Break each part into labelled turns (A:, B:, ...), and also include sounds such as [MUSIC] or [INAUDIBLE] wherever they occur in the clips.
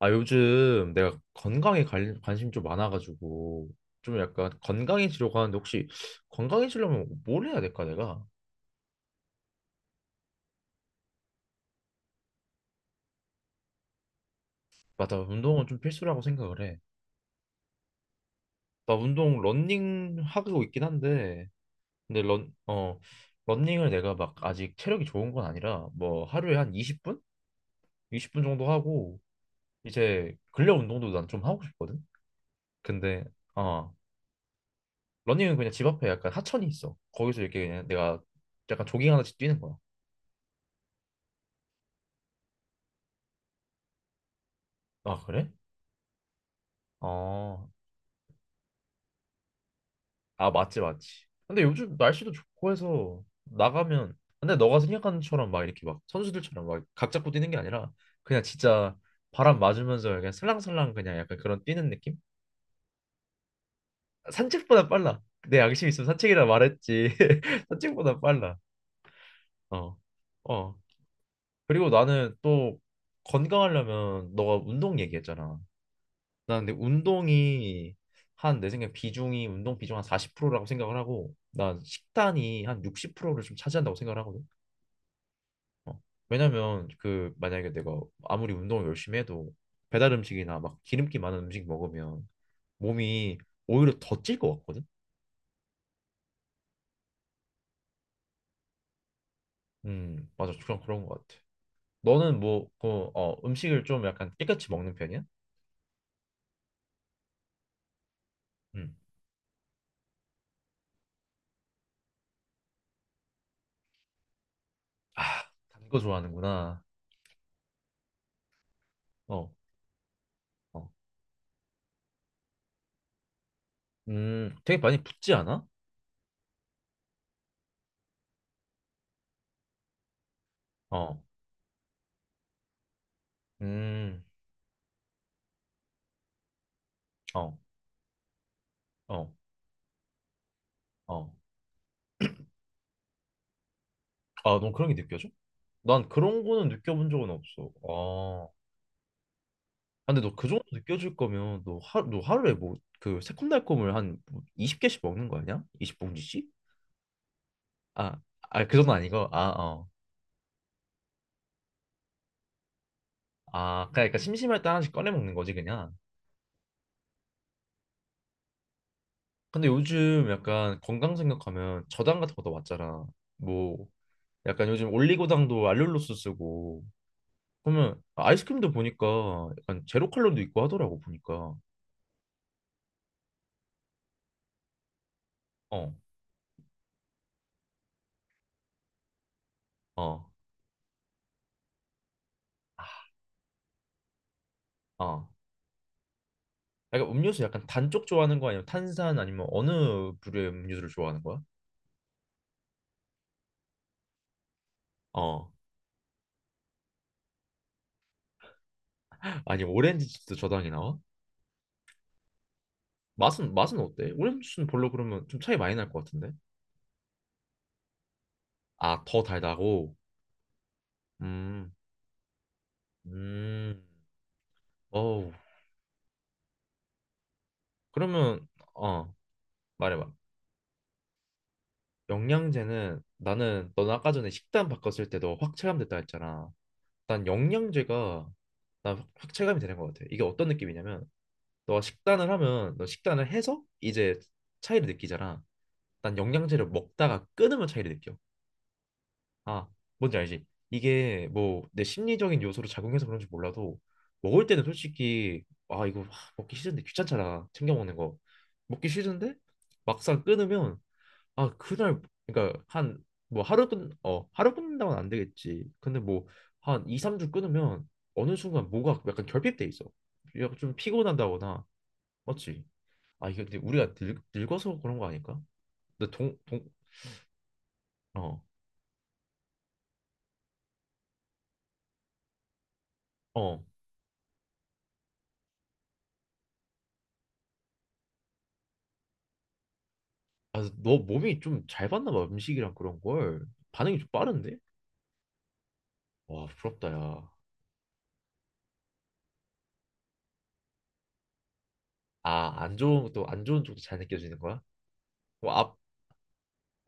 A: 아, 요즘 내가 건강에 관심 좀 많아가지고 좀 약간 건강해지려고 하는데 혹시 건강해지려면 뭘 해야 될까 내가? 맞아, 운동은 좀 필수라고 생각을 해. 나 운동 런닝 하고 있긴 한데 근데 런, 어, 런닝을 내가 막 아직 체력이 좋은 건 아니라 뭐 하루에 한 20분? 20분 정도 하고 이제 근력 운동도 난 좀 하고 싶거든? 근데 어, 러닝은 그냥 집 앞에 약간 하천이 있어. 거기서 이렇게 그냥 내가 약간 조깅하듯이 뛰는 거야. 아, 그래? 어, 아, 맞지, 맞지. 근데 요즘 날씨도 좋고 해서 나가면, 근데 너가 생각하는 처럼 막 이렇게 막 선수들처럼 막 각 잡고 뛰는 게 아니라 그냥 진짜 바람 맞으면서 그냥 슬랑슬랑 그냥 약간 그런 뛰는 느낌? 산책보다 빨라. 내 양심 있으면 산책이라 말했지. [LAUGHS] 산책보다 빨라. 어, 어. 그리고 나는 또 건강하려면 너가 운동 얘기했잖아. 나 근데 운동이 한 내 생각에 비중이 운동 비중 한 40%라고 생각을 하고 난 식단이 한 60%를 좀 차지한다고 생각을 하거든. 어. 왜냐면 그 만약에 내가 아무리 운동을 열심히 해도 배달 음식이나 막 기름기 많은 음식 먹으면 몸이 오히려 더 찔 것 같거든. 맞아. 그냥 그런 것 같아. 너는 뭐, 그, 어, 음식을 좀 약간 깨끗이 먹는 편이야? 음. 아, 단 거 좋아하는구나. 어, 어. 되게 많이 붓지 않아? 어, 음, 어. 어, 어. 아, 넌 그런 게 느껴져? 난 그런 거는 느껴본 적은 없어. 아, 아, 근데 너 그 정도 느껴질 거면 너 하루 너 하루에 뭐 그 새콤달콤을 한 20개씩 먹는 거 아니야? 20봉지씩? 아, 아, 그 정도 아니고. 아, 어. 아, 그러니까 심심할 때 하나씩 꺼내 먹는 거지 그냥. 근데 요즘 약간 건강 생각하면 저당 같은 것도 왔잖아. 뭐 약간 요즘 올리고당도 알룰로스 쓰고 그러면 아이스크림도 보니까 약간 제로 칼로리도 있고 하더라고 보니까. 어, 어, 어. 약간 음료수 약간 단쪽 좋아하는 거 아니면 탄산 아니면 어느 부류의 음료수를 좋아하는 거야? 어. 아니 오렌지 주스 저당이 나와? 맛은 어때? 오렌지 주스는 별로 그러면 좀 차이 많이 날 것 같은데. 아, 더 달다고? 음. 음. 어우. 그러면 어, 말해 봐. 영양제는 나는 넌 아까 전에 식단 바꿨을 때도 확 체감됐다 했잖아. 난 영양제가 난 확 체감이 되는 것 같아. 이게 어떤 느낌이냐면 너가 식단을 하면 너 식단을 해서 이제 차이를 느끼잖아. 난 영양제를 먹다가 끊으면 차이를 느껴. 아, 뭔지 알지? 이게 뭐 내 심리적인 요소로 작용해서 그런지 몰라도 먹을 때는 솔직히 아 이거 하, 먹기 싫은데 귀찮잖아 챙겨 먹는 거 먹기 싫은데 막상 끊으면 아 그날 그러니까 한 뭐 하루 끊어 하루 끊는다고는 안 되겠지 근데 뭐 한 2, 3주 끊으면 어느 순간 뭐가 약간 결핍돼 있어 약간 좀 피곤한다거나 맞지? 아 이게 근데 우리가 늙어서 그런 거 아닐까? 근데 동동 어어 아, 너 몸이 좀 잘 받나 봐, 음식이랑 그런 걸. 반응이 좀 빠른데? 와, 부럽다, 야. 아, 안 좋은 것도, 안 좋은 쪽도 잘 느껴지는 거야? 뭐, 앞,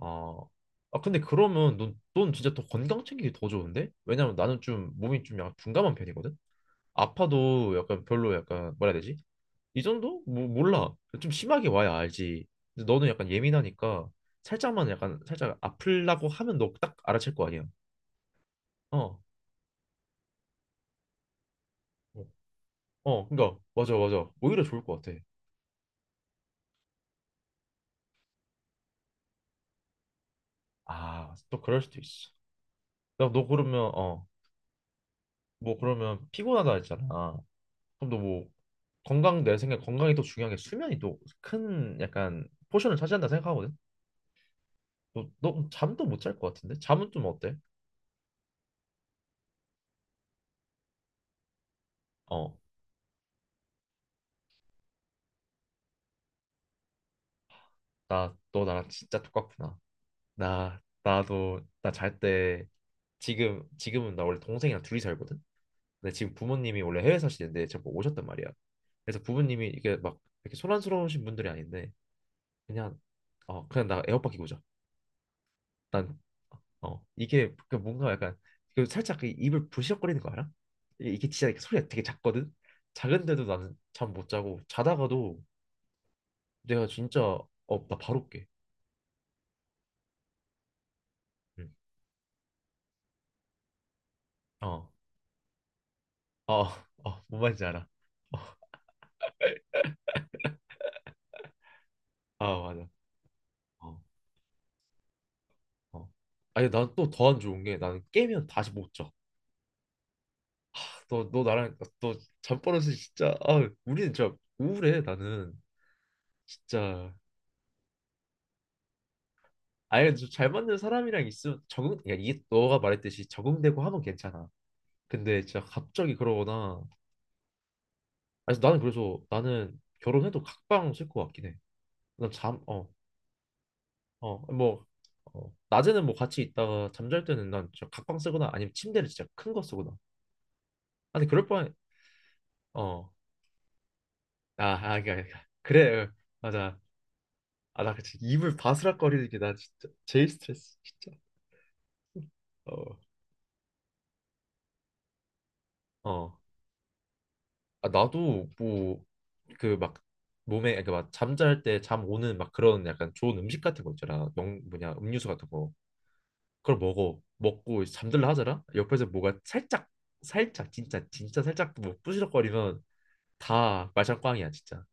A: 어. 아, 근데 그러면 넌 진짜 더 건강 챙기기 더 좋은데? 왜냐면 나는 좀 몸이 좀 약간 둔감한 편이거든? 아파도 약간 별로 약간, 뭐라 해야 되지? 이 정도? 뭐, 몰라. 좀 심하게 와야 알지. 근데 너는 약간 예민하니까 살짝만 약간, 살짝 아플라고 하면 너 딱 알아챌 거 아니야. 어. 어, 그러니까 맞아, 맞아. 오히려 좋을 것 같아. 아, 또 그럴 수도 있어. 야, 너 그러면 어, 뭐 그러면 피곤하다 했잖아. 그럼 너 뭐 건강 내 생각에 건강이 또 중요한 게 수면이 또 큰 약간 포션을 차지한다 생각하거든. 너 잠도 못 잘 것 같은데? 잠은 좀 어때? 어, 나 너 나랑 진짜 똑같구나. 나 나도 나 잘 때 지금은 나 원래 동생이랑 둘이 살거든. 근데 지금 부모님이 원래 해외 사시는데 제가 뭐 오셨단 말이야. 그래서 부모님이 이게 막 이렇게 소란스러우신 분들이 아닌데 그냥 어 그냥 나 에어팟 끼고 자. 난 어, 이게 그 뭔가 약간 그 살짝 그 입을 부시럭거리는 거 알아? 이게 진짜 이렇게 소리가 되게 작거든. 작은데도 나는 잠 못 자고 자다가도 내가 진짜 어, 나 바로 깨. 응. 어, 어, 어, 뭔 말인지 알아. 어, 아 맞아. 어, 어. 아니 난 또 더 안 좋은 게 나는 깨면 다시 못 자. 너, 너 나랑 너 잠버릇이 진짜 아 우리는 진짜 우울해 나는 진짜 아니 좀잘 맞는 사람이랑 있으면 적응 그러니까 이게 너가 말했듯이 적응되고 하면 괜찮아 근데 진짜 갑자기 그러거나 아, 그래서 나는 그래서 나는 결혼해도 각방 쓸 것 같긴 해 난잠어어뭐 어, 어, 뭐, 어, 낮에는 뭐 같이 있다가 잠잘 때는 난 진짜 각방 쓰거나 아니면 침대를 진짜 큰 거 쓰거나 아니 그럴 바에 어아아 그래 어, 맞아 아나 그치 입을 바스락거리는 게 나 진짜 제일 스트레스 진짜 어 어. 아, 나도 뭐 그 막 몸에 그러니까 막 잠잘 때 잠 오는 막 그런 약간 좋은 음식 같은 거 있잖아. 영 뭐냐 음료수 같은 거. 그걸 먹어. 먹고 이제 잠들라 하잖아. 옆에서 뭐가 살짝 살짝 진짜 진짜 살짝 뭐 부시럭거리면 다 말짱 꽝이야 진짜.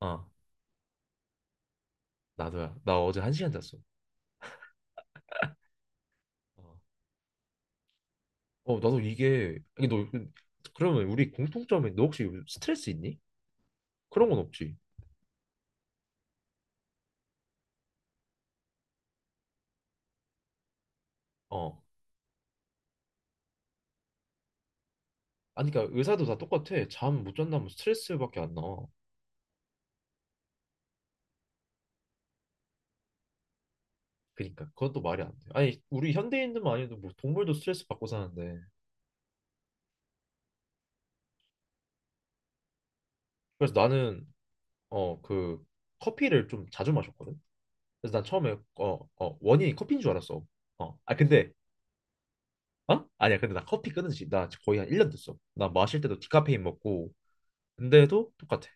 A: 어 나도야. 나 어제 한 시간 잤어. 어 어, 나도 이게 너 그, 그러면 우리 공통점이 너 혹시 스트레스 있니? 그런 건 없지. 어 아니 그러니까 의사도 다 똑같아. 잠 못 잔다면 스트레스밖에 안 나와. 그니까 그것도 말이 안 돼. 아니 우리 현대인들만 아니어도 뭐 동물도 스트레스 받고 사는데. 그래서 나는 어 그 커피를 좀 자주 마셨거든. 그래서 난 처음에 어 어 원인이 커피인 줄 알았어. 어 아 근데 어 아니야 근데 나 커피 끊은 지 나 거의 한 1년 됐어. 나 마실 때도 디카페인 먹고 근데도 똑같아.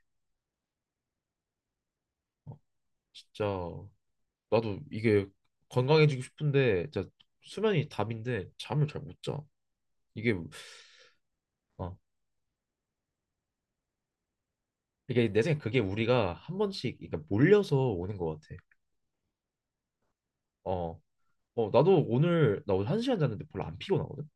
A: 어, 진짜 나도 이게 건강해지고 싶은데 진짜 수면이 답인데 잠을 잘 못 자. 이게 어 이게 내 생각에 그게 우리가 한 번씩 그러니까 몰려서 오는 것 같아. 어, 어, 나도 오늘, 나 오늘 한 시간 잤는데 별로 안 피곤하거든?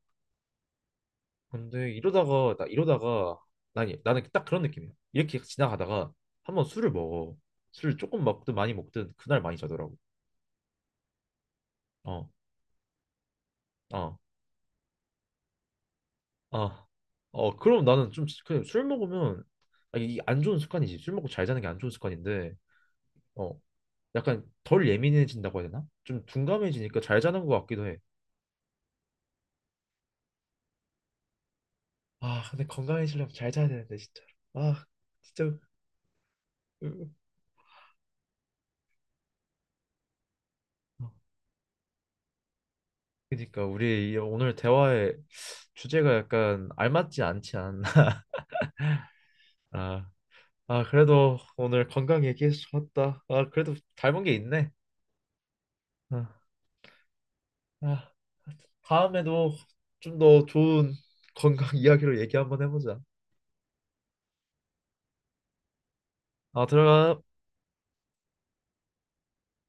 A: 근데 이러다가, 나 이러다가, 나는, 나는 딱 그런 느낌이야. 이렇게 지나가다가 한번 술을 먹어. 술을 조금 먹든 많이 먹든 그날 많이 자더라고. 어, 어, 어. 어, 그럼 나는 좀, 그냥 술 먹으면, 아, 이안 좋은 습관이지. 술 먹고 잘 자는 게 안 좋은 습관인데, 어, 약간 덜 예민해진다고 해야 되나? 좀 둔감해지니까 잘 자는 것 같기도 해. 아, 근데 건강해지려면 잘 자야 되는데, 진짜. 아, 진짜. 으, 어. 그러니까 우리 이 오늘 대화의 주제가 약간 알맞지 않지 않나. [LAUGHS] 아, 아 그래도 오늘 건강 얘기해서 좋았다. 아 그래도 닮은 게 있네. 아, 아 다음에도 좀 더 좋은 건강 [LAUGHS] 이야기로 얘기 한번 해보자. 아 들어가.